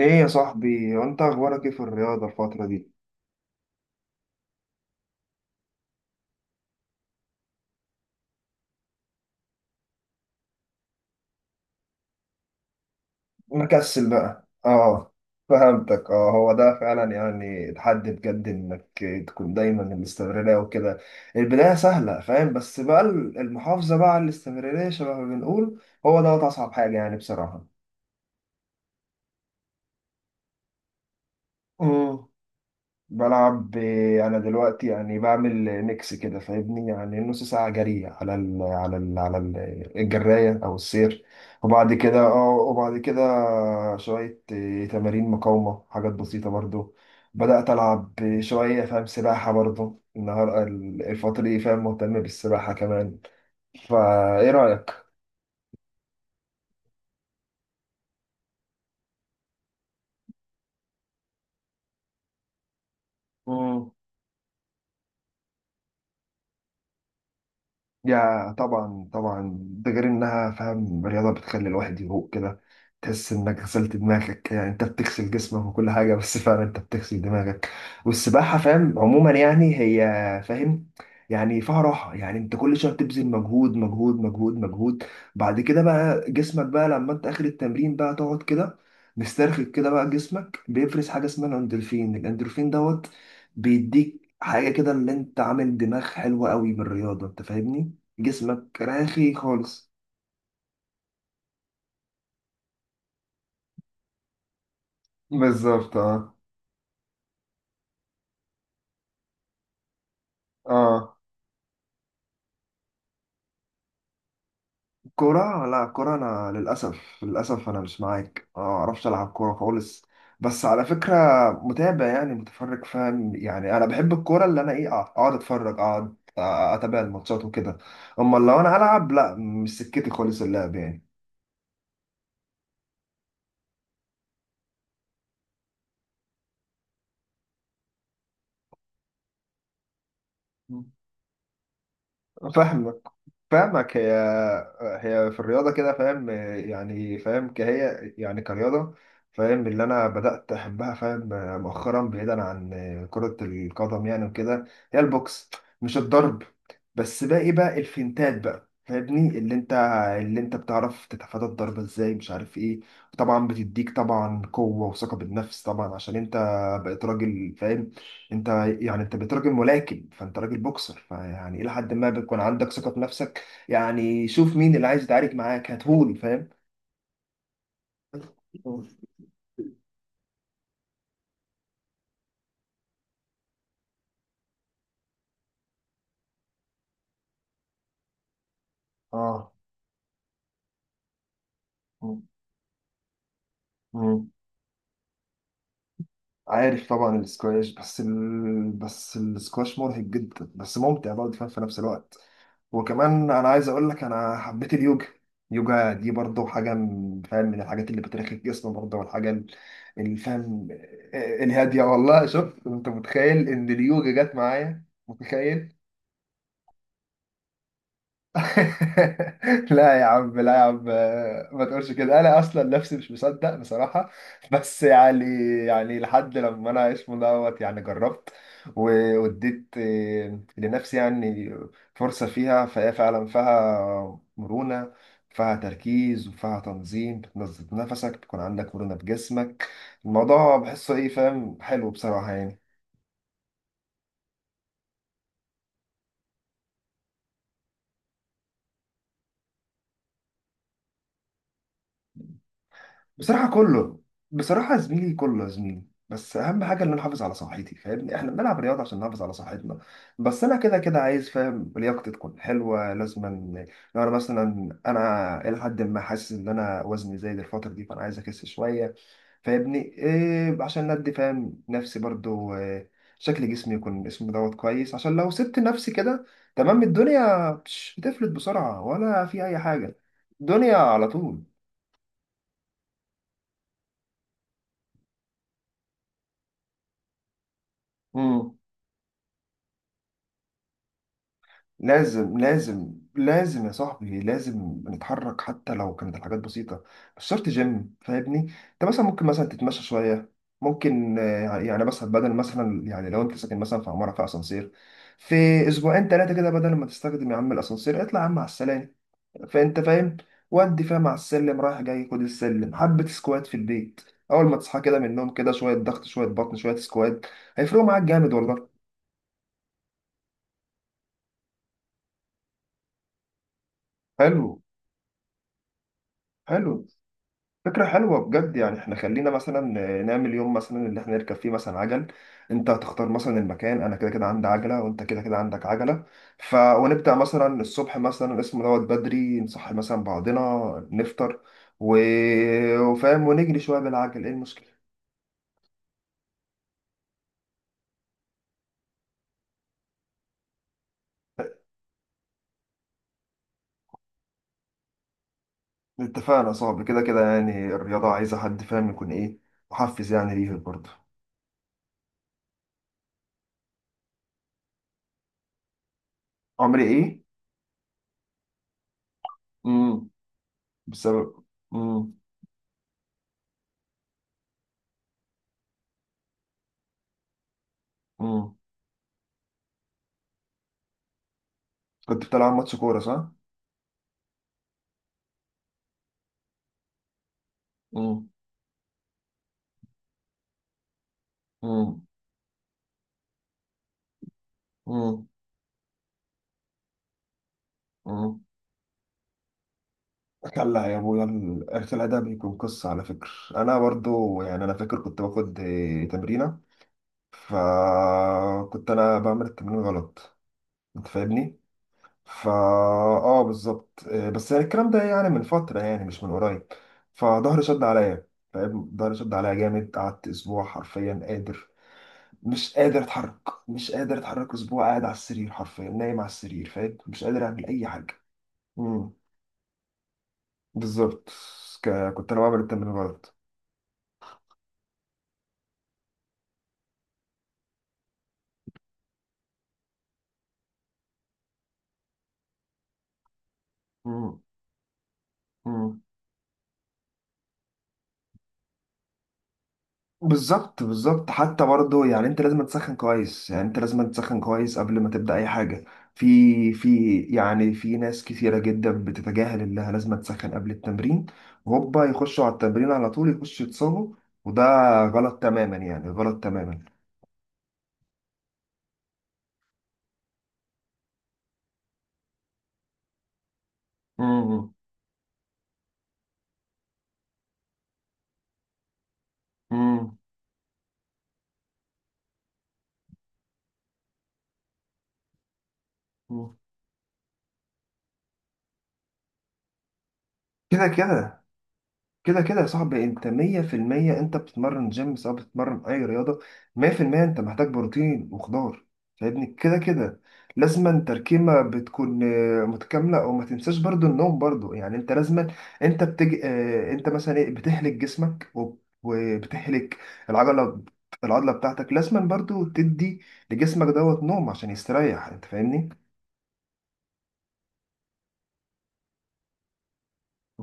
ايه يا صاحبي، وانت اخبارك ايه في الرياضة الفترة دي؟ مكسل بقى، اه؟ فهمتك، اه. هو ده فعلا يعني تحدي بجد انك تكون دايما الاستمرارية وكده. البداية سهلة، فاهم، بس بقى المحافظة بقى على الاستمرارية شبه ما بنقول هو ده اصعب حاجة يعني بصراحة. مم. بلعب، انا دلوقتي يعني بعمل ميكس كده فاهمني، يعني نص ساعه جري على الجرايه او السير. وبعد كده شويه، تمارين مقاومه، حاجات بسيطه برضو. بدات العب شويه، فاهم، سباحه برضو النهار الفتره دي، فاهم، مهتم بالسباحه كمان. فايه رايك؟ يا طبعا طبعا، ده غير انها، فاهم، رياضة بتخلي الواحد يفوق كده. تحس انك غسلت دماغك، يعني انت بتغسل جسمك وكل حاجة، بس فعلا انت بتغسل دماغك. والسباحة، فاهم، عموما يعني هي، فاهم، يعني فيها راحة. يعني انت كل شوية بتبذل مجهود مجهود مجهود مجهود، بعد كده بقى جسمك بقى لما انت اخر التمرين بقى تقعد كده مسترخي كده، بقى جسمك بيفرز حاجة اسمها الاندورفين دوت بيديك حاجة كده، اللي انت عامل دماغ حلوة قوي بالرياضة، انت فاهمني؟ جسمك راخي خالص. بالظبط، اه. اه، كرة لا كرة، أنا للأسف للأسف أنا مش معاك، ما أعرفش ألعب كورة خالص. بس على فكرة، متابع يعني متفرج، فاهم. يعني أنا بحب الكورة اللي أنا إيه، أقعد أتفرج، أقعد أتابع الماتشات وكده. أما لو أنا ألعب، لا، مش سكتي خالص اللعب يعني. فاهمك، فاهمك، هي في الرياضة كده، فاهم، يعني، فاهم، كهي، يعني كرياضة، فاهم، اللي أنا بدأت أحبها، فاهم، مؤخرا بعيدا عن كرة القدم يعني وكده، هي البوكس. مش الضرب، بس باقي بقى الفنتات بقى، فاهمني، اللي انت بتعرف تتفادى الضرب ازاي، مش عارف ايه. طبعا بتديك طبعا قوة وثقة بالنفس طبعا عشان انت بقيت راجل، فاهم انت، يعني انت بقيت راجل ملاكم، فانت راجل بوكسر، فيعني الى حد ما بيكون عندك ثقه في نفسك. يعني شوف مين اللي عايز يتعارك معاك هاتهولي، فاهم. اه. مم. عارف طبعا السكواش، بس السكواش مرهق جدا بس ممتع برضه، فاهم، في نفس الوقت. وكمان انا عايز اقول لك انا حبيت اليوجا. اليوجا دي برضه حاجه فاهم، من الحاجات اللي بترخي الجسم برضه، والحاجه اللي، فاهم، الهاديه. والله شوف انت، متخيل ان اليوجا جت معايا؟ متخيل؟ لا يا عم، لا يا عم، ما تقولش كده، انا اصلا نفسي مش مصدق بصراحه. بس يعني لحد لما انا اسمه دوت يعني جربت واديت، لنفسي يعني فرصه، فيها، فهي فعلا فيها مرونه، فيها تركيز وفيها تنظيم، بتنظم نفسك، بتكون عندك مرونه بجسمك. الموضوع بحسه ايه، فاهم، حلو بصراحه يعني. بصراحة كله، بصراحة يا زميلي كله يا زميلي. بس أهم حاجة إن أنا أحافظ على صحتي، فاهمني، إحنا بنلعب رياضة عشان نحافظ على صحتنا. بس أنا كده كده عايز، فاهم، لياقتي تكون حلوة لازما. لو أنا مثلا، أنا إلى حد ما حاسس إن أنا وزني زايد الفترة دي، فأنا عايز أخس شوية، فاهمني إيه، عشان ندي، فاهم، نفسي برضو، شكل جسمي يكون اسمه دوت كويس. عشان لو سبت نفسي كده، تمام، الدنيا بتفلت بسرعة ولا في أي حاجة، الدنيا على طول. لازم لازم لازم يا صاحبي، لازم نتحرك حتى لو كانت الحاجات بسيطة، مش شرط جيم، فاهمني. انت مثلا ممكن مثلا تتمشى شوية، ممكن يعني، مثلا بدل مثلا، يعني لو انت ساكن مثلا في عمارة فيها اسانسير، في اسبوعين ثلاثة كده بدل ما تستخدم يا عم الاسانسير، اطلع يا عم على السلالم. فانت، فاهم، ودي، فاهم، على السلم رايح جاي، خد السلم، حبة سكوات في البيت اول ما تصحى كده من النوم، كده شوية ضغط شوية بطن شوية سكوات، هيفرقوا معاك جامد والله. حلو، حلو، فكرة حلوة بجد. يعني احنا خلينا مثلا نعمل يوم مثلا اللي احنا نركب فيه مثلا عجل، انت هتختار مثلا المكان، انا كده كده عندي عجلة وانت كده كده عندك عجلة، ف ونبدأ مثلا الصبح مثلا اسمه دوت بدري، نصحي مثلا بعضنا، نفطر، و... وفاهم، ونجري شوية بالعجل، ايه المشكلة؟ اتفقنا، صعب كده كده يعني، الرياضة عايزة حد، فاهم، يكون ايه، محفز يعني ليها برضه. عمري ايه؟ امم. بسبب. امم. امم. كنت بتلعب ماتش كورة صح؟ امم. امم. مم. كلا يا ابويا، الارث الادبي بيكون قصه على فكره. انا برضو، يعني انا فاكر كنت باخد تمرينه، فكنت انا بعمل التمرين غلط، انت فاهمني. فا، اه، بالظبط، بس يعني الكلام ده يعني من فتره، يعني مش من قريب. فظهري شد عليا، فاهم، ظهري شد عليا جامد، قعدت اسبوع حرفيا قادر، مش قادر اتحرك، مش قادر اتحرك، اسبوع قاعد على السرير حرفيا نايم على السرير، فاهم، مش قادر اعمل اي حاجه. بالظبط، كنت انا بعمل التمرين غلط. مم. مم. بالظبط، بالظبط، حتى برضه يعني انت لازم تسخن كويس، يعني انت لازم تسخن كويس قبل ما تبدأ اي حاجة. في في يعني في ناس كثيرة جدا بتتجاهل انها لازم تسخن قبل التمرين، وهوبا يخشوا على التمرين على طول يخشوا يتصابوا، وده غلط تماما، يعني غلط تماما. مم. مم. مم. كده كده كده كده يا صاحبي، انت مية في المية، انت بتتمرن جيم سواء بتتمرن اي رياضة، مية في المية انت محتاج بروتين وخضار، فاهمني، كده كده لازما تركيمة بتكون متكاملة. او ما تنساش برضو النوم برضو، يعني انت لازما انت بتج... اه، انت مثلا ايه بتهلك جسمك وبتهلك العضلة العضلة بتاعتك لازما برضو تدي لجسمك دوت نوم عشان يستريح، انت فاهمني.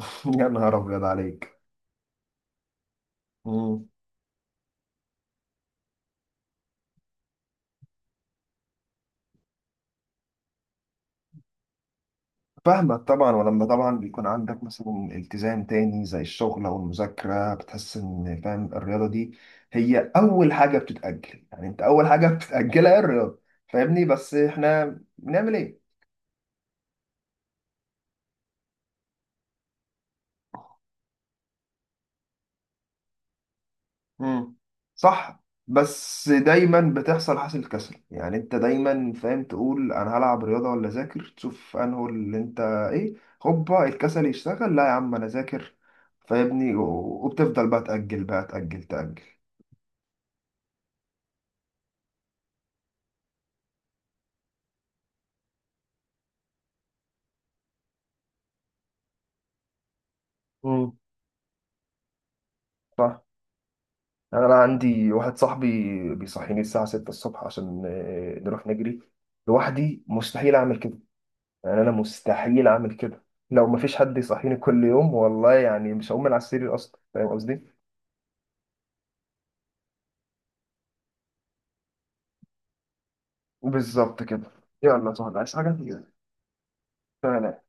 يا نهار ابيض عليك. فاهمك طبعا، ولما طبعا بيكون عندك مثلا التزام تاني زي الشغل او المذاكره، بتحس ان، فاهم، الرياضه دي هي اول حاجه بتتاجل، يعني انت اول حاجه بتتاجلها هي الرياضه، فاهمني، بس احنا بنعمل ايه؟ امم. صح، بس دايما بتحصل حاصل كسل يعني، انت دايما، فاهم، تقول انا هلعب رياضه ولا اذاكر، تشوف انه اللي انت ايه، هوبا الكسل يشتغل، لا يا عم انا اذاكر، فاهمني. وبتفضل بقى تاجل بقى تاجل تاجل. مم. صح. يعني انا عندي واحد صاحبي بيصحيني الساعه 6 الصبح عشان نروح نجري. لوحدي مستحيل اعمل كده، يعني انا مستحيل اعمل كده، لو مفيش حد يصحيني كل يوم والله، يعني مش هقوم من على السرير اصلا، فاهم قصدي. بالظبط كده. يلا يا صاحبي، عايز حاجه؟ سلام.